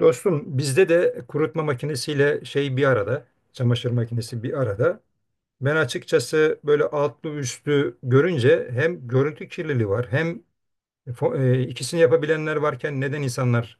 Dostum, bizde de kurutma makinesiyle şey bir arada, çamaşır makinesi bir arada. Ben açıkçası böyle altlı üstlü görünce hem görüntü kirliliği var hem İkisini yapabilenler varken neden insanlar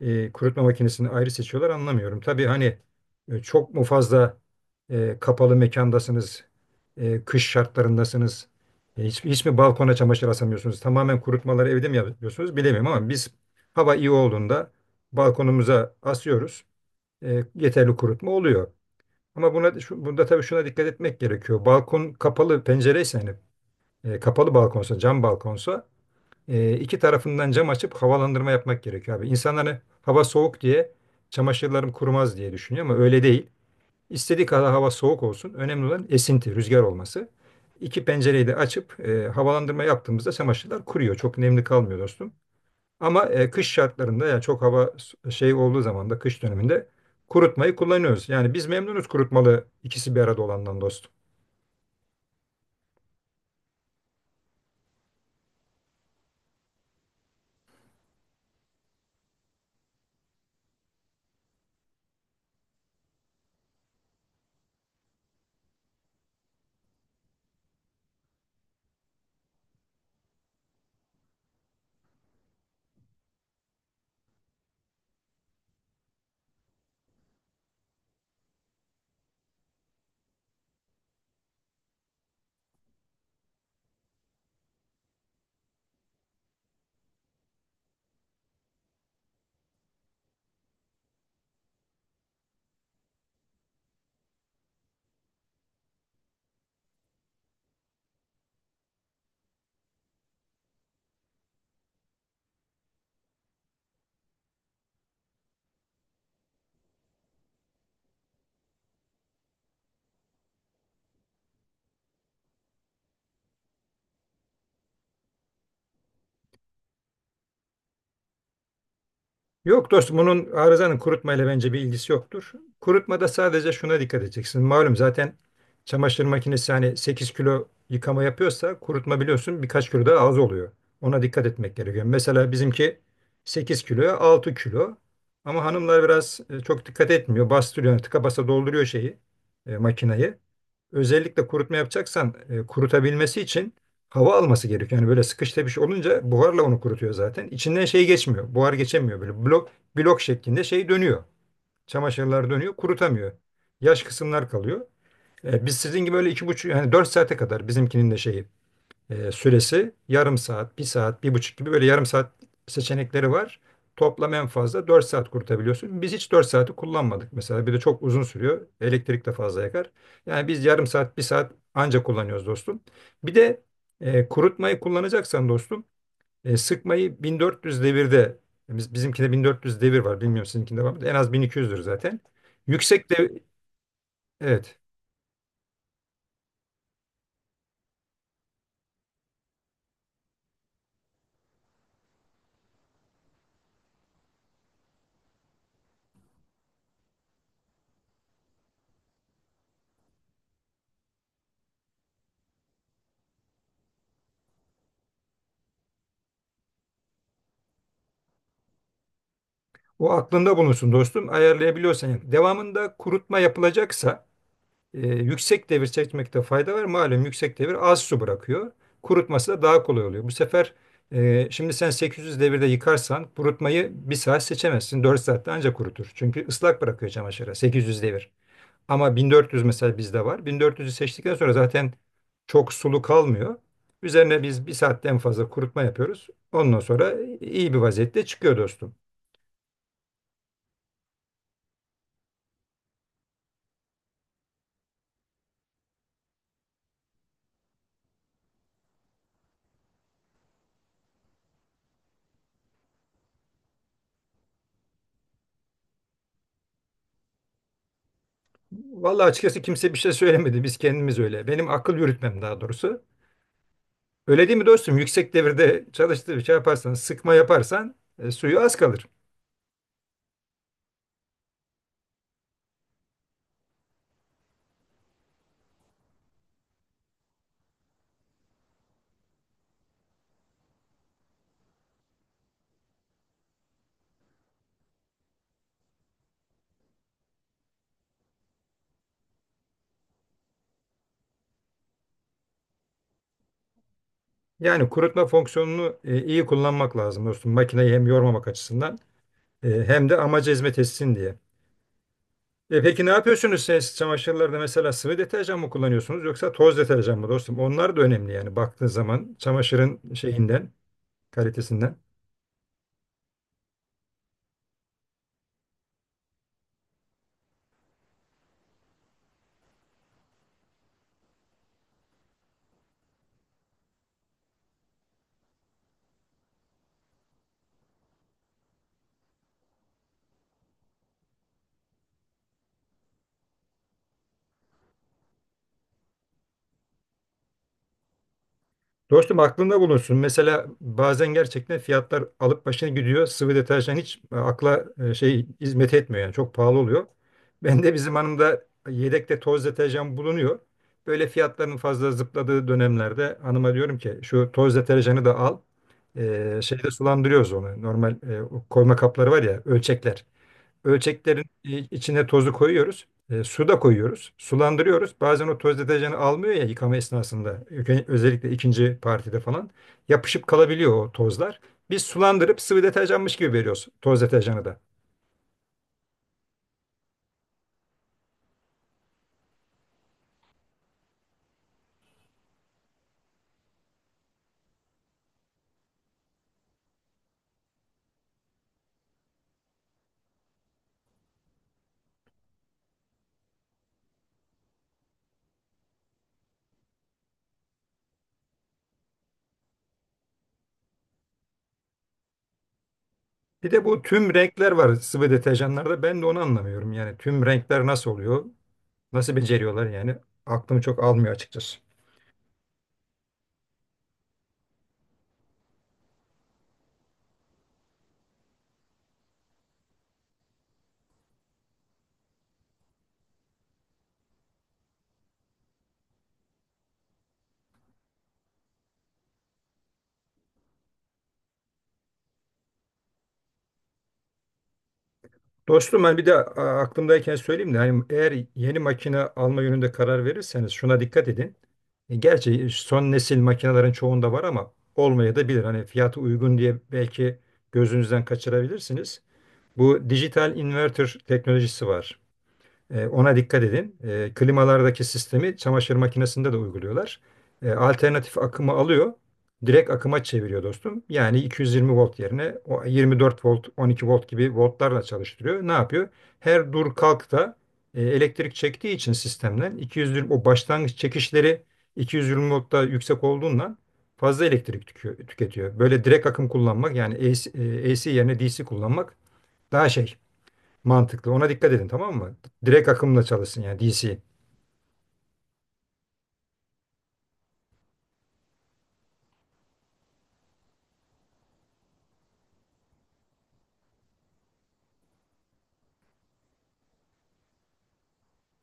kurutma makinesini ayrı seçiyorlar anlamıyorum. Tabii hani çok mu fazla kapalı mekandasınız, kış şartlarındasınız, hiç, hiç mi balkona çamaşır asamıyorsunuz, tamamen kurutmaları evde mi yapıyorsunuz bilemiyorum ama biz hava iyi olduğunda balkonumuza asıyoruz. Yeterli kurutma oluyor. Ama buna, şu, bunda tabii şuna dikkat etmek gerekiyor. Balkon kapalı pencereyse, hani kapalı balkonsa, cam balkonsa, iki tarafından cam açıp havalandırma yapmak gerekiyor abi. İnsanlar, hani hava soğuk diye çamaşırlarım kurumaz diye düşünüyor, ama öyle değil. İstediği kadar hava soğuk olsun. Önemli olan esinti, rüzgar olması. İki pencereyi de açıp havalandırma yaptığımızda çamaşırlar kuruyor. Çok nemli kalmıyor dostum. Ama kış şartlarında, yani çok hava şey olduğu zaman da, kış döneminde kurutmayı kullanıyoruz. Yani biz memnunuz kurutmalı, ikisi bir arada olandan dostum. Yok dostum, bunun, arızanın kurutmayla bence bir ilgisi yoktur. Kurutmada sadece şuna dikkat edeceksin. Malum, zaten çamaşır makinesi hani 8 kilo yıkama yapıyorsa, kurutma biliyorsun birkaç kilo daha az oluyor. Ona dikkat etmek gerekiyor. Mesela bizimki 8 kiloya 6 kilo. Ama hanımlar biraz çok dikkat etmiyor. Bastırıyor, tıka basa dolduruyor şeyi, makinayı. Özellikle kurutma yapacaksan, kurutabilmesi için hava alması gerekiyor. Yani böyle sıkış tepiş olunca buharla onu kurutuyor zaten. İçinden şey geçmiyor. Buhar geçemiyor böyle. Blok blok şeklinde şey dönüyor. Çamaşırlar dönüyor, kurutamıyor. Yaş kısımlar kalıyor. Biz sizin gibi böyle 2,5, yani 4 saate kadar, bizimkinin de şeyi, süresi yarım saat, bir saat, bir buçuk gibi, böyle yarım saat seçenekleri var. Toplam en fazla 4 saat kurutabiliyorsun. Biz hiç 4 saati kullanmadık mesela. Bir de çok uzun sürüyor. Elektrik de fazla yakar. Yani biz yarım saat, bir saat anca kullanıyoruz dostum. Bir de kurutmayı kullanacaksan dostum, sıkmayı 1400 devirde, bizimkinde 1400 devir var. Bilmiyorum, sizinkinde var mı? En az 1200'dür zaten. Yüksek de, evet. O aklında bulunsun dostum, ayarlayabiliyorsan. Yani devamında kurutma yapılacaksa, yüksek devir çekmekte fayda var. Malum, yüksek devir az su bırakıyor. Kurutması da daha kolay oluyor. Bu sefer şimdi sen 800 devirde yıkarsan, kurutmayı bir saat seçemezsin. 4 saatte ancak kurutur. Çünkü ıslak bırakıyor çamaşırı 800 devir. Ama 1400 mesela bizde var. 1400'ü seçtikten sonra zaten çok sulu kalmıyor. Üzerine biz bir saatten fazla kurutma yapıyoruz. Ondan sonra iyi bir vaziyette çıkıyor dostum. Vallahi açıkçası kimse bir şey söylemedi. Biz kendimiz öyle. Benim akıl yürütmem daha doğrusu. Öyle değil mi dostum? Yüksek devirde çalıştığı bir şey yaparsan, sıkma yaparsan, suyu az kalır. Yani kurutma fonksiyonunu iyi kullanmak lazım dostum. Makineyi hem yormamak açısından, hem de amaca hizmet etsin diye. Peki ne yapıyorsunuz siz çamaşırlarda, mesela sıvı deterjan mı kullanıyorsunuz yoksa toz deterjan mı dostum? Onlar da önemli yani, baktığın zaman çamaşırın şeyinden, kalitesinden. Dostum, aklında bulunsun. Mesela bazen gerçekten fiyatlar alıp başına gidiyor. Sıvı deterjan hiç akla şey hizmet etmiyor yani, çok pahalı oluyor. Ben de, bizim hanımda yedekte toz deterjan bulunuyor. Böyle fiyatların fazla zıpladığı dönemlerde hanıma diyorum ki, şu toz deterjanı da al. Şeyde sulandırıyoruz onu. Normal, o koyma kapları var ya, ölçekler. Ölçeklerin içine tozu koyuyoruz. Su da koyuyoruz. Sulandırıyoruz. Bazen o toz deterjanı almıyor ya yıkama esnasında. Özellikle ikinci partide falan. Yapışıp kalabiliyor o tozlar. Biz sulandırıp sıvı deterjanmış gibi veriyoruz toz deterjanı da. Bir de bu tüm renkler var sıvı deterjanlarda. Ben de onu anlamıyorum. Yani tüm renkler nasıl oluyor? Nasıl beceriyorlar yani? Aklım çok almıyor açıkçası. Dostum, ben bir de aklımdayken söyleyeyim de, hani eğer yeni makine alma yönünde karar verirseniz şuna dikkat edin. Gerçi son nesil makinelerin çoğunda var, ama olmaya da bilir. Hani fiyatı uygun diye belki gözünüzden kaçırabilirsiniz. Bu dijital inverter teknolojisi var. Ona dikkat edin. Klimalardaki sistemi çamaşır makinesinde de uyguluyorlar. Alternatif akımı alıyor, direkt akıma çeviriyor dostum. Yani 220 volt yerine o 24 volt, 12 volt gibi voltlarla çalıştırıyor. Ne yapıyor? Her dur kalkta elektrik çektiği için sistemden, 220, o başlangıç çekişleri 220 voltta yüksek olduğundan, fazla elektrik tüketiyor. Böyle direkt akım kullanmak, yani AC, AC yerine DC kullanmak daha şey, mantıklı. Ona dikkat edin, tamam mı? Direkt akımla çalışsın, yani DC.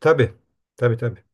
Tabii. Tabii tabii.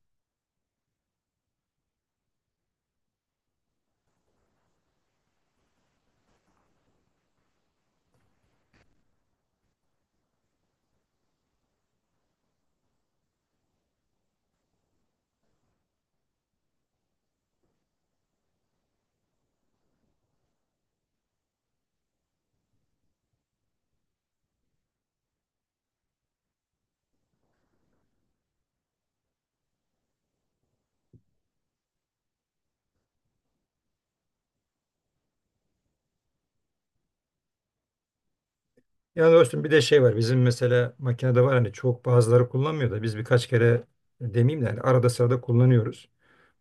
Yani dostum, bir de şey var. Bizim mesela makinede var, hani çok bazıları kullanmıyor da biz birkaç kere, demeyeyim de, hani arada sırada kullanıyoruz.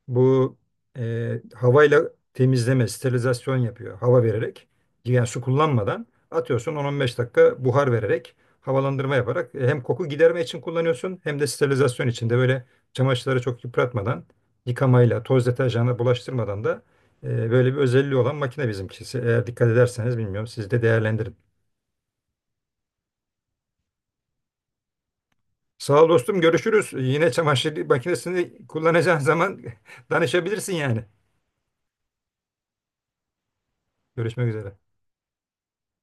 Bu havayla temizleme, sterilizasyon yapıyor. Hava vererek, yani su kullanmadan, atıyorsun 10-15 dakika buhar vererek, havalandırma yaparak, hem koku giderme için kullanıyorsun hem de sterilizasyon için de, böyle çamaşırları çok yıpratmadan, yıkamayla, toz deterjanla bulaştırmadan da, böyle bir özelliği olan makine bizimkisi. Eğer dikkat ederseniz, bilmiyorum, siz de değerlendirin. Sağ ol dostum, görüşürüz. Yine çamaşır makinesini kullanacağın zaman danışabilirsin yani. Görüşmek üzere.